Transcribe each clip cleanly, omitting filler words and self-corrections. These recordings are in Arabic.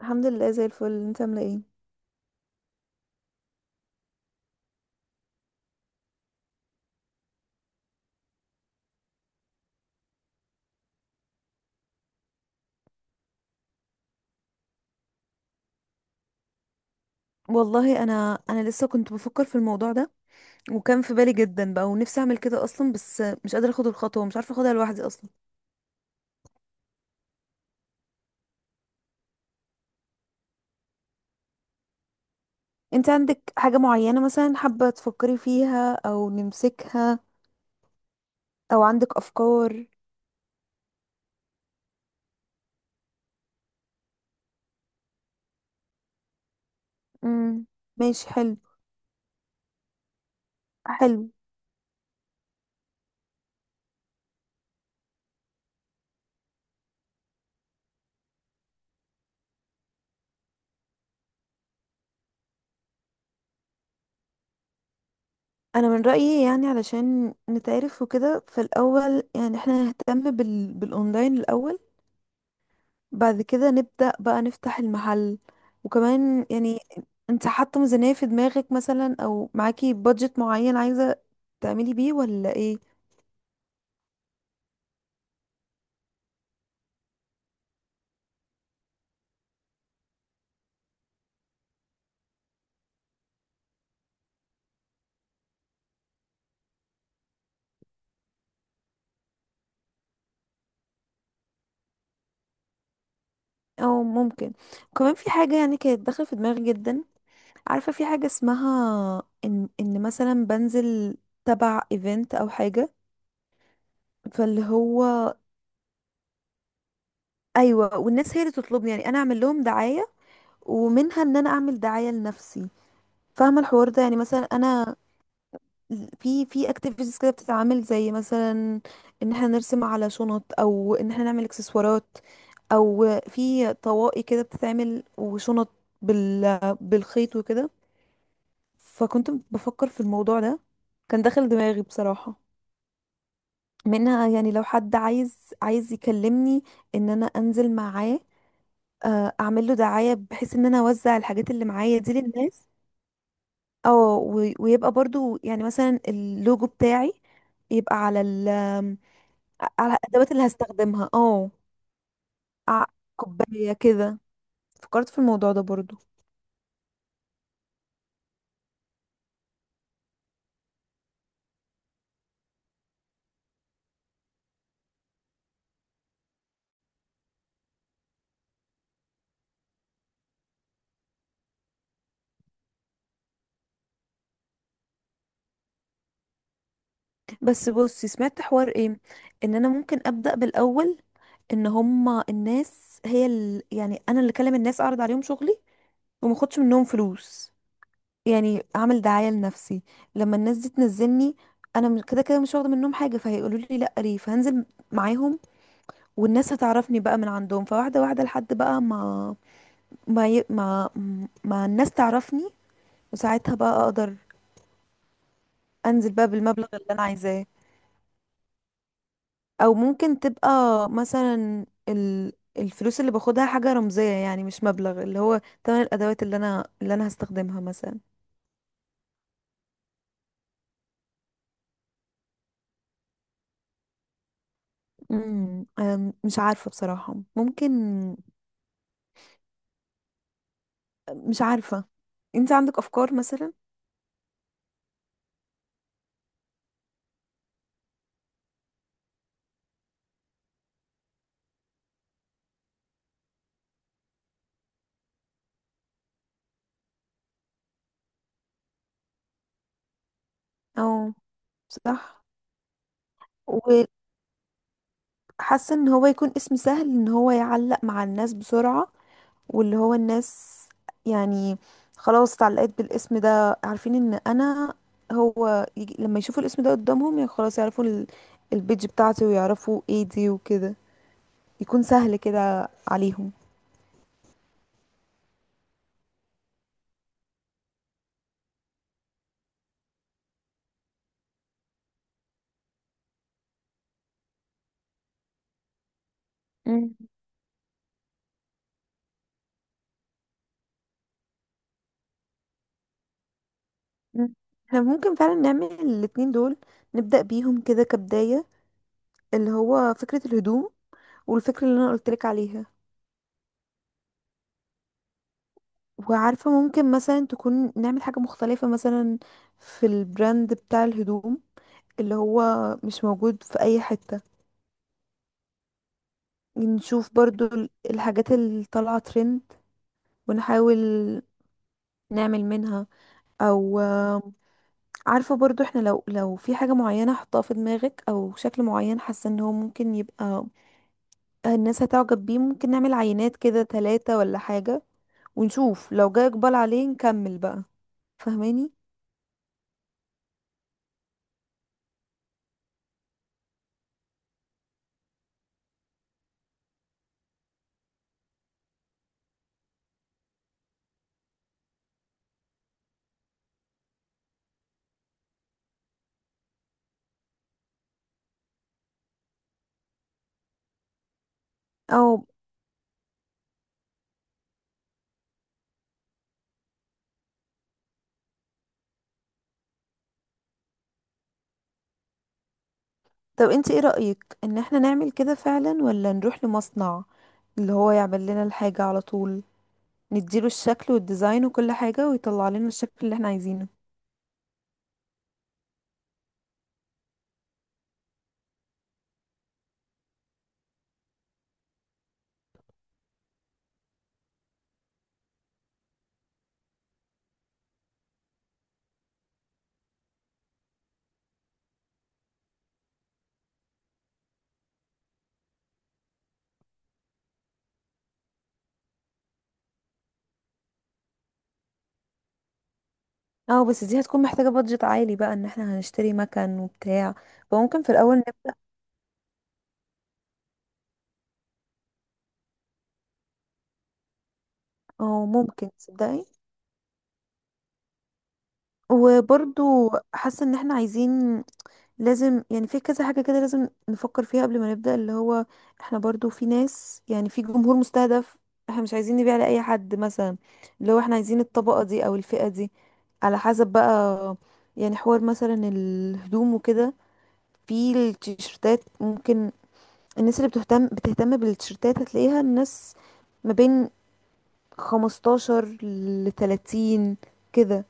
الحمد لله زي الفل. انت عامله ايه؟ والله انا لسه كنت بفكر في الموضوع ده، وكان في بالي جدا بقى ونفسي اعمل كده اصلا، بس مش قادره اخد الخطوه، مش عارفه اخدها لوحدي اصلا. انت عندك حاجه معينه مثلا حابه تفكري فيها او نمسكها، او عندك افكار؟ امم ماشي، حلو حلو. انا من رايي يعني علشان نتعرف وكده فالاول يعني احنا نهتم بالاونلاين الاول، بعد كده نبدأ بقى نفتح المحل، وكمان يعني انت حاطة ميزانية في دماغك مثلا، او معاكي بادجت معين عايزة تعملي بيه ولا ايه؟ او ممكن. وكمان في حاجة يعني كانت داخلة في دماغي جدا. عارفة في حاجة اسمها ان مثلا بنزل تبع ايفنت او حاجة، فاللي هو ايوه، والناس هي اللي تطلبني، يعني انا اعمل لهم دعاية، ومنها ان انا اعمل دعاية لنفسي. فاهمة الحوار ده، يعني مثلا انا في اكتيفيتيز كده بتتعمل، زي مثلا ان احنا نرسم على شنط، او ان احنا نعمل اكسسوارات، او في طواقي كده بتتعمل وشنط بالخيط وكده. فكنت بفكر في الموضوع ده، كان داخل دماغي بصراحة. منها يعني لو حد عايز يكلمني ان انا انزل معاه، اعمل له دعاية بحيث ان انا اوزع الحاجات اللي معايا دي للناس. اه، ويبقى برضو يعني مثلا اللوجو بتاعي يبقى على الادوات اللي هستخدمها، اه. ع- كوبايه كده، فكرت في الموضوع ده برضو. بس بصي، سمعت حوار ايه ان انا ممكن ابدا بالاول، ان هما الناس هي يعني انا اللي اكلم الناس، اعرض عليهم شغلي وما اخدش منهم فلوس، يعني اعمل دعايه لنفسي. لما الناس دي تنزلني، انا كده كده مش واخده منهم حاجه، فهيقولوا لي لا ليه، فهنزل معاهم، والناس هتعرفني بقى من عندهم، فواحده واحده لحد بقى ما ما ي... ما ما الناس تعرفني، وساعتها بقى اقدر انزل بقى بالمبلغ اللي انا عايزاه. او ممكن تبقى مثلا الفلوس اللي باخدها حاجة رمزية، يعني مش مبلغ اللي هو تمن الادوات اللي انا هستخدمها مثلا. أم، مش عارفة بصراحة، ممكن. مش عارفة، انت عندك افكار مثلا؟ او صح. وحاسة ان هو يكون اسم سهل، ان هو يعلق مع الناس بسرعة، واللي هو الناس يعني خلاص اتعلقت بالاسم ده، عارفين ان انا هو يجي لما يشوفوا الاسم ده قدامهم، يعني خلاص يعرفوا البيج بتاعتي، ويعرفوا ايه دي وكده، يكون سهل كده عليهم. مم. مم. احنا ممكن فعلا نعمل الاتنين دول، نبدأ بيهم كده كبداية، اللي هو فكرة الهدوم، والفكرة اللي انا قلتلك عليها. وعارفة ممكن مثلا تكون نعمل حاجة مختلفة مثلا في البراند بتاع الهدوم، اللي هو مش موجود في أي حتة. نشوف برضو الحاجات اللي طالعة ترند، ونحاول نعمل منها، او آه، عارفة برضو احنا لو في حاجة معينة حطها في دماغك، او شكل معين، حاسة ان هو ممكن يبقى الناس هتعجب بيه، ممكن نعمل عينات كده ثلاثة ولا حاجة، ونشوف لو جاي اقبال عليه نكمل بقى، فاهماني. او طب انت ايه رأيك ان احنا نعمل كده فعلا، ولا نروح لمصنع اللي هو يعمل لنا الحاجة على طول، نديله الشكل والديزاين وكل حاجة، ويطلع لنا الشكل اللي احنا عايزينه؟ اه، بس دي هتكون محتاجة بادجت عالي بقى، ان احنا هنشتري مكن وبتاع، فممكن في الاول نبدأ. اه، ممكن تصدقي. وبرضو حاسة ان احنا عايزين، لازم يعني في كذا حاجة كده لازم نفكر فيها قبل ما نبدأ، اللي هو احنا برضو في ناس، يعني في جمهور مستهدف، احنا مش عايزين نبيع لأي حد مثلا، اللي هو احنا عايزين الطبقة دي او الفئة دي، على حسب بقى. يعني حوار مثلا الهدوم وكده، في التيشيرتات ممكن الناس اللي بتهتم بالتيشيرتات هتلاقيها، الناس ما بين 15 ل 30 كده.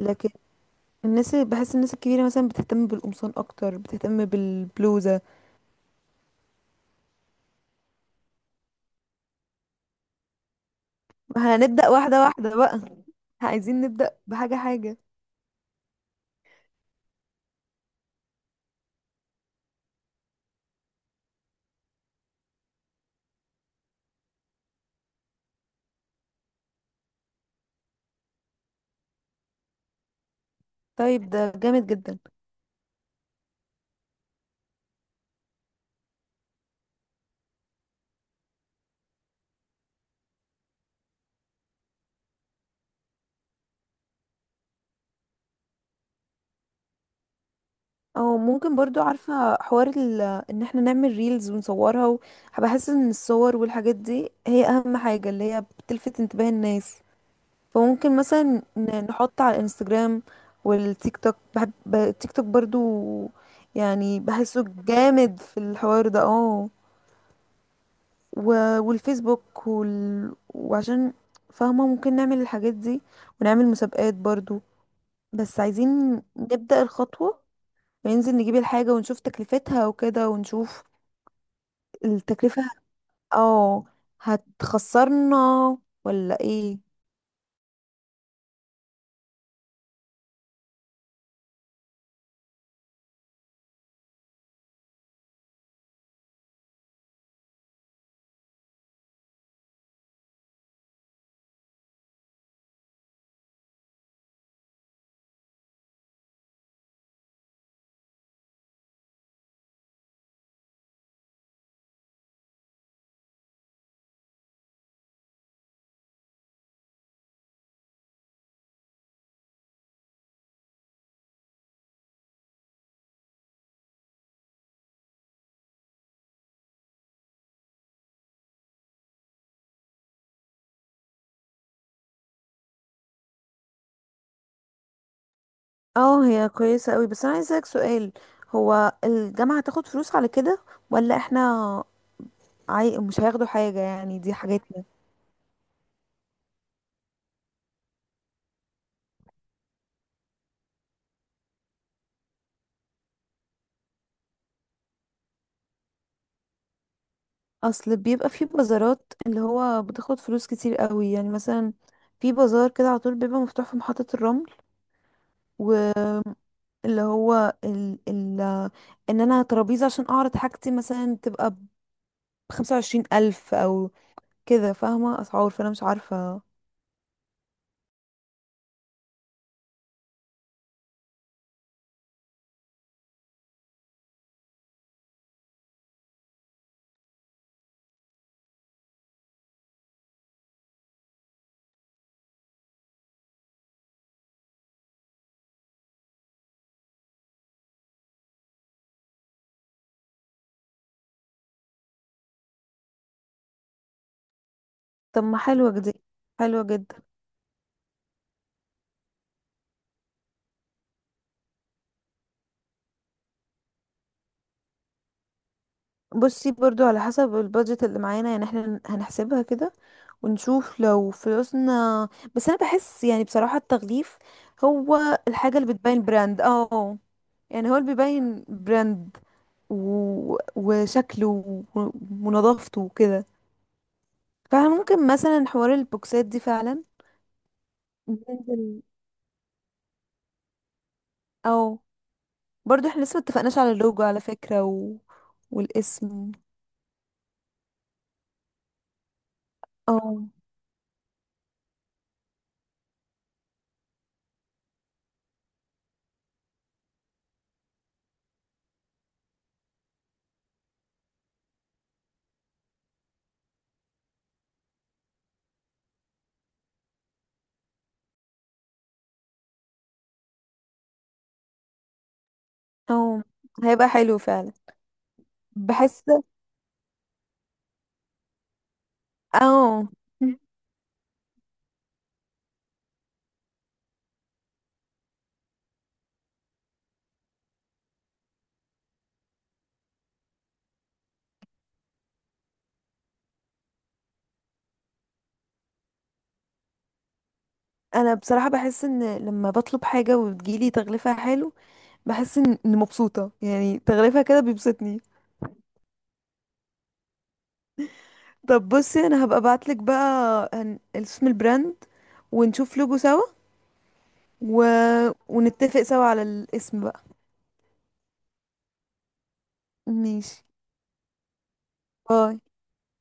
لكن بحس الناس الكبيرة مثلا بتهتم بالقمصان أكتر، بتهتم بالبلوزة. ما هنبدأ واحدة واحدة بقى، عايزين نبدأ بحاجة حاجة. طيب، ده جامد جدا. او ممكن برضو عارفة حوار ان احنا نعمل ريلز ونصورها بحس ان الصور والحاجات دي هي اهم حاجة، اللي هي بتلفت انتباه الناس، فممكن مثلا نحط على الانستجرام والتيك توك، بحب التيك توك برضو، يعني بحسه جامد في الحوار ده، اه. والفيسبوك وعشان فاهمة، ممكن نعمل الحاجات دي، ونعمل مسابقات برضو. بس عايزين نبدأ الخطوة، وننزل نجيب الحاجة ونشوف تكلفتها وكده، ونشوف التكلفة اه هتخسرنا ولا ايه. اه، هي كويسة قوي، بس انا عايز اسألك سؤال، هو الجامعة هتاخد فلوس على كده ولا احنا مش هياخدوا حاجة يعني، دي حاجاتنا؟ اصل بيبقى في بازارات اللي هو بتاخد فلوس كتير قوي، يعني مثلا في بازار كده على طول بيبقى مفتوح في محطة الرمل، اللي هو ال ال ان انا ترابيزة عشان اعرض حاجتي مثلا تبقى بخمسة وعشرين الف او كده، فاهمة اسعار، فانا مش عارفة. طب ما حلوة جدا، حلوة جدا. بصي، برضو على حسب البادجت اللي معانا، يعني احنا هنحسبها كده ونشوف لو فلوسنا. بس انا بحس يعني بصراحة التغليف هو الحاجة اللي بتبين براند، اه، يعني هو اللي بيبين براند وشكله ونظافته وكده، فممكن مثلا حوار البوكسات دي فعلا ننزل. او برضو احنا لسه متفقناش على اللوجو على فكرة، والاسم. او، او هيبقى حلو فعلا. بحس. او انا بصراحة بحس ان لما بطلب حاجة وتجيلي تغليفها حلو، بحس إن مبسوطة، يعني تغليفها كده بيبسطني. طب بصي، انا هبقى ابعتلك بقى اسم البراند، ونشوف لوجو سوا، و... ونتفق سوا على الاسم بقى. ماشي، باي.